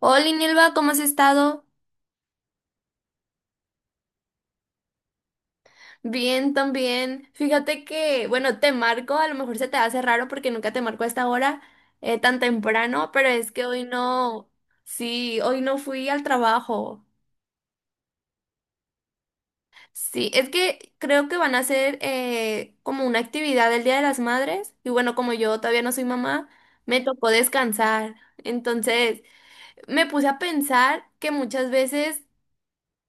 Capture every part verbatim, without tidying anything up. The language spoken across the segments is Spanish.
Hola, Inelva, ¿cómo has estado? Bien, también. Fíjate que, bueno, te marco, a lo mejor se te hace raro porque nunca te marco a esta hora eh, tan temprano, pero es que hoy no, sí, hoy no fui al trabajo. Sí, es que creo que van a hacer eh, como una actividad el Día de las Madres y bueno, como yo todavía no soy mamá, me tocó descansar. Entonces, me puse a pensar que muchas veces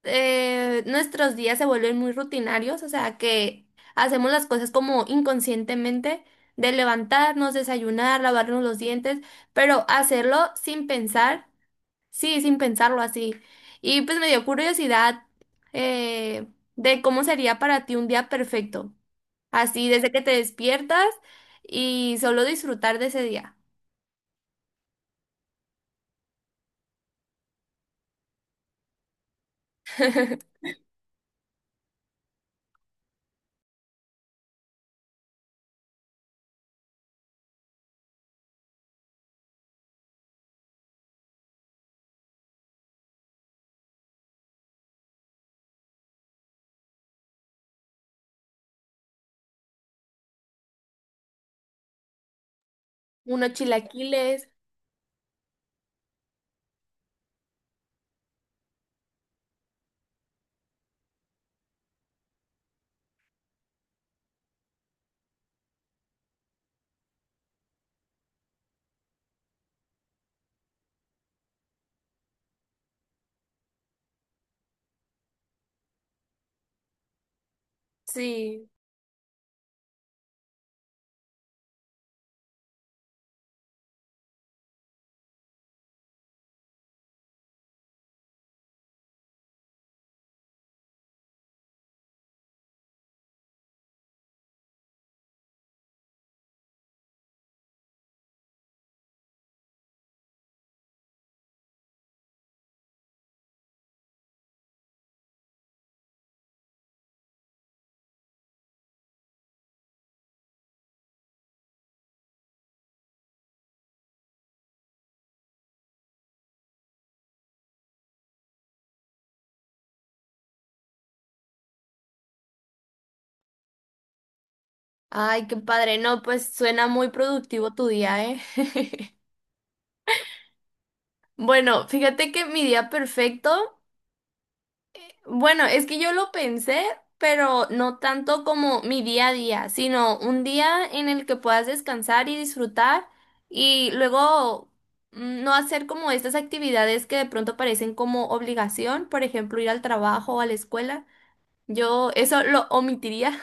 eh, nuestros días se vuelven muy rutinarios, o sea que hacemos las cosas como inconscientemente, de levantarnos, desayunar, lavarnos los dientes, pero hacerlo sin pensar, sí, sin pensarlo así. Y pues me dio curiosidad eh, de cómo sería para ti un día perfecto, así desde que te despiertas y solo disfrutar de ese día. Unos chilaquiles, sí. Ay, qué padre, no, pues suena muy productivo tu día, ¿eh? Bueno, fíjate que mi día perfecto, bueno, es que yo lo pensé, pero no tanto como mi día a día, sino un día en el que puedas descansar y disfrutar y luego mm, no hacer como estas actividades que de pronto parecen como obligación, por ejemplo, ir al trabajo o a la escuela. Yo eso lo omitiría.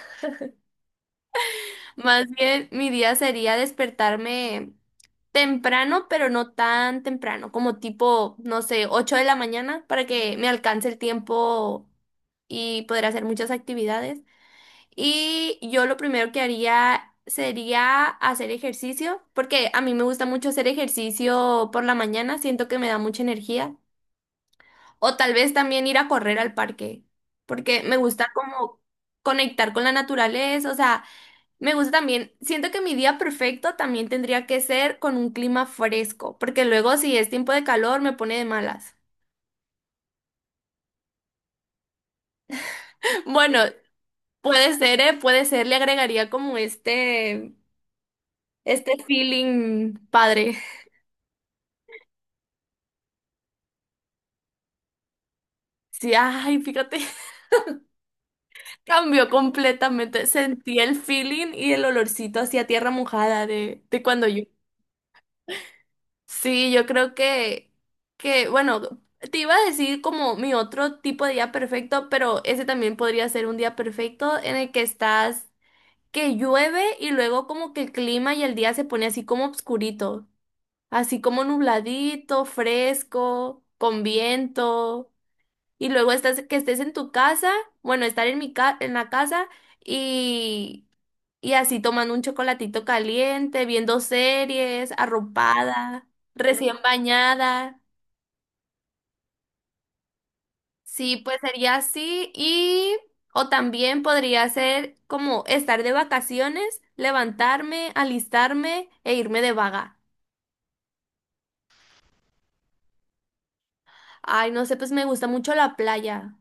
Más bien, mi día sería despertarme temprano, pero no tan temprano, como tipo, no sé, ocho de la mañana, para que me alcance el tiempo y poder hacer muchas actividades. Y yo lo primero que haría sería hacer ejercicio, porque a mí me gusta mucho hacer ejercicio por la mañana, siento que me da mucha energía. O tal vez también ir a correr al parque, porque me gusta como conectar con la naturaleza, o sea... Me gusta también. Siento que mi día perfecto también tendría que ser con un clima fresco, porque luego si es tiempo de calor me pone de malas. Bueno, puede ser, ¿eh? Puede ser, le agregaría como este, este feeling padre. Sí, ay, fíjate, cambió completamente. Sentí el feeling y el olorcito hacia tierra mojada de, de cuando... Sí, yo creo que, que, bueno, te iba a decir como mi otro tipo de día perfecto, pero ese también podría ser un día perfecto en el que estás, que llueve y luego como que el clima y el día se pone así como obscurito, así como nubladito, fresco, con viento, y luego estás, que estés en tu casa, bueno, estar en mi ca- en la casa y y así tomando un chocolatito caliente, viendo series, arropada, recién bañada. Sí, pues sería así. Y, o también podría ser como estar de vacaciones, levantarme, alistarme e irme de vaga. Ay, no sé, pues me gusta mucho la playa.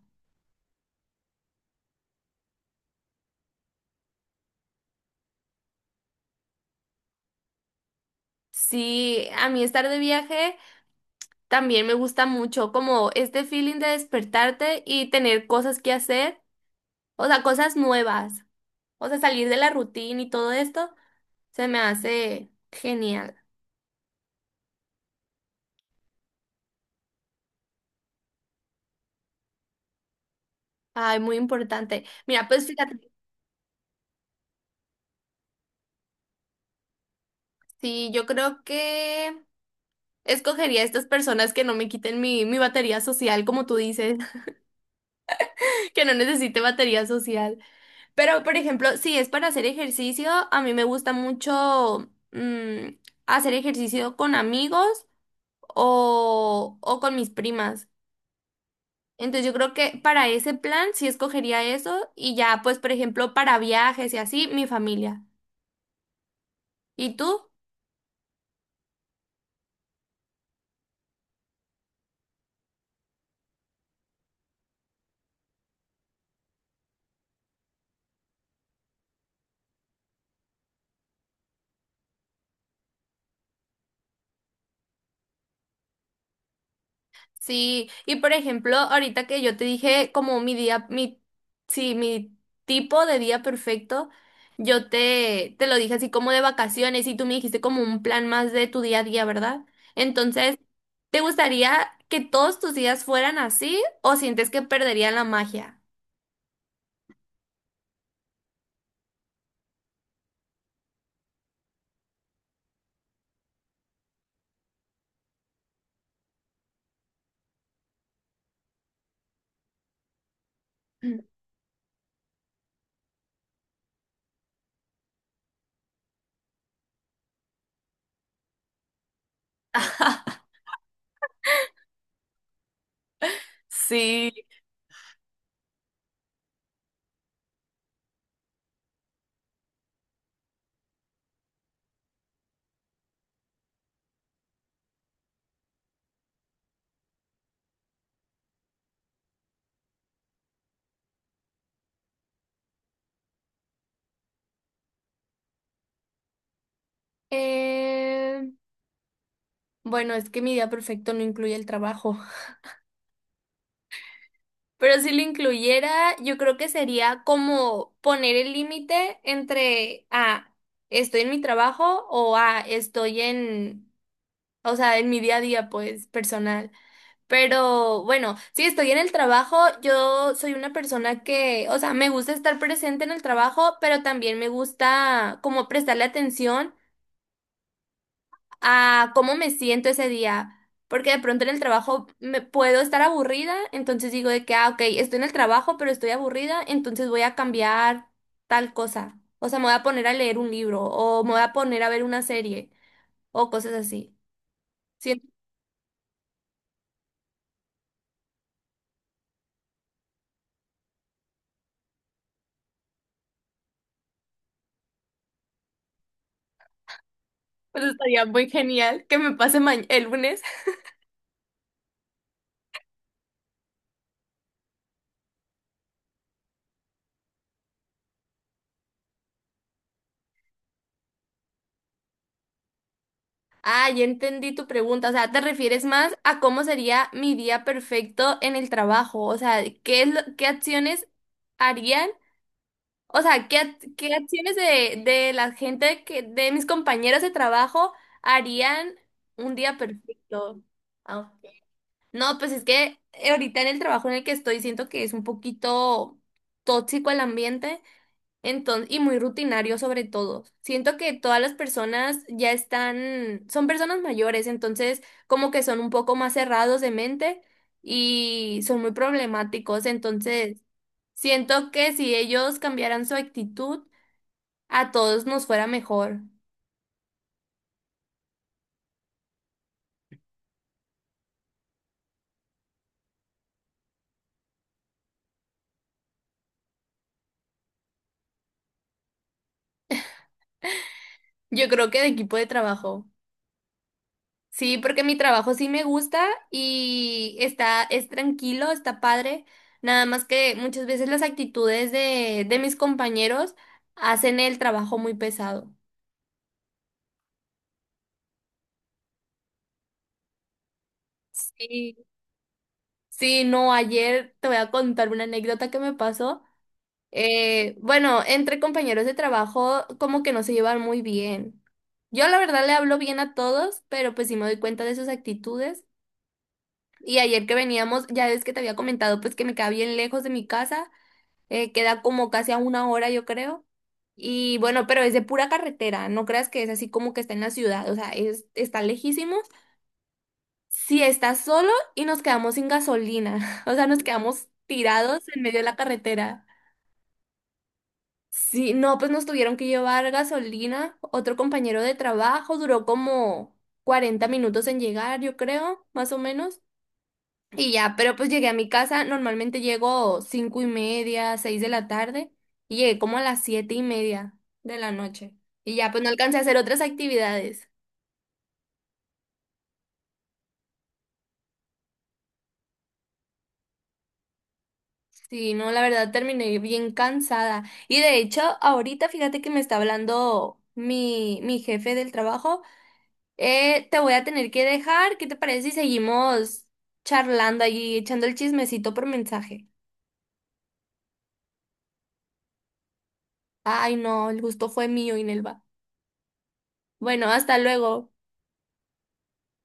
Sí, a mí estar de viaje también me gusta mucho, como este feeling de despertarte y tener cosas que hacer, o sea, cosas nuevas, o sea, salir de la rutina y todo esto. Se me hace genial. Ay, muy importante. Mira, pues fíjate, sí, yo creo que escogería a estas personas que no me quiten mi, mi batería social, como tú dices, que no necesite batería social. Pero, por ejemplo, si es para hacer ejercicio, a mí me gusta mucho mm, hacer ejercicio con amigos o, o con mis primas. Entonces yo creo que para ese plan sí escogería eso y ya, pues, por ejemplo, para viajes y así, mi familia. ¿Y tú? Sí, y por ejemplo, ahorita que yo te dije como mi día, mi, sí, mi tipo de día perfecto, yo te, te lo dije así como de vacaciones y tú me dijiste como un plan más de tu día a día, ¿verdad? Entonces, ¿te gustaría que todos tus días fueran así o sientes que perderían la magia? Mm. Eh, Eh, Bueno, es que mi día perfecto no incluye el trabajo. Pero si lo incluyera, yo creo que sería como poner el límite entre, ah, estoy en mi trabajo o, ah, estoy en, o sea, en mi día a día, pues, personal. Pero bueno, si estoy en el trabajo, yo soy una persona que, o sea, me gusta estar presente en el trabajo, pero también me gusta como prestarle atención a cómo me siento ese día. Porque de pronto en el trabajo me puedo estar aburrida, entonces digo de que, ah, ok, estoy en el trabajo, pero estoy aburrida, entonces voy a cambiar tal cosa. O sea, me voy a poner a leer un libro, o me voy a poner a ver una serie, o cosas así. Siento pues, estaría muy genial que me pase ma- el lunes. Ah, ya entendí tu pregunta. O sea, te refieres más a cómo sería mi día perfecto en el trabajo. O sea, ¿qué es lo- qué acciones harían? O sea, ¿qué, ac- qué acciones de, de la gente que, de mis compañeros de trabajo harían un día perfecto? Ah, no, pues es que ahorita en el trabajo en el que estoy siento que es un poquito tóxico el ambiente, entonces, y muy rutinario sobre todo. Siento que todas las personas ya están, son personas mayores, entonces como que son un poco más cerrados de mente y son muy problemáticos, entonces siento que si ellos cambiaran su actitud a todos nos fuera mejor. Yo creo que de equipo de trabajo. Sí, porque mi trabajo sí me gusta y está, es tranquilo, está padre. Nada más que muchas veces las actitudes de, de mis compañeros hacen el trabajo muy pesado. Sí, sí, no, ayer te voy a contar una anécdota que me pasó. Eh, bueno, entre compañeros de trabajo como que no se llevan muy bien. Yo la verdad le hablo bien a todos, pero pues sí me doy cuenta de sus actitudes. Y ayer que veníamos, ya ves que te había comentado, pues que me queda bien lejos de mi casa, eh, queda como casi a una hora, yo creo. Y bueno, pero es de pura carretera, no creas que es así como que está en la ciudad, o sea, es, está lejísimos. Si estás solo y nos quedamos sin gasolina, o sea, nos quedamos tirados en medio de la carretera. Sí, no, pues nos tuvieron que llevar gasolina. Otro compañero de trabajo duró como cuarenta minutos en llegar, yo creo, más o menos. Y ya, pero pues llegué a mi casa, normalmente llego cinco y media, seis de la tarde, y llegué como a las siete y media de la noche. Y ya, pues no alcancé a hacer otras actividades. Sí, no, la verdad terminé bien cansada. Y de hecho, ahorita fíjate que me está hablando mi, mi jefe del trabajo. Eh, te voy a tener que dejar. ¿Qué te parece si seguimos charlando allí, echando el chismecito por mensaje? Ay, no, el gusto fue mío, Inelva. Bueno, hasta luego.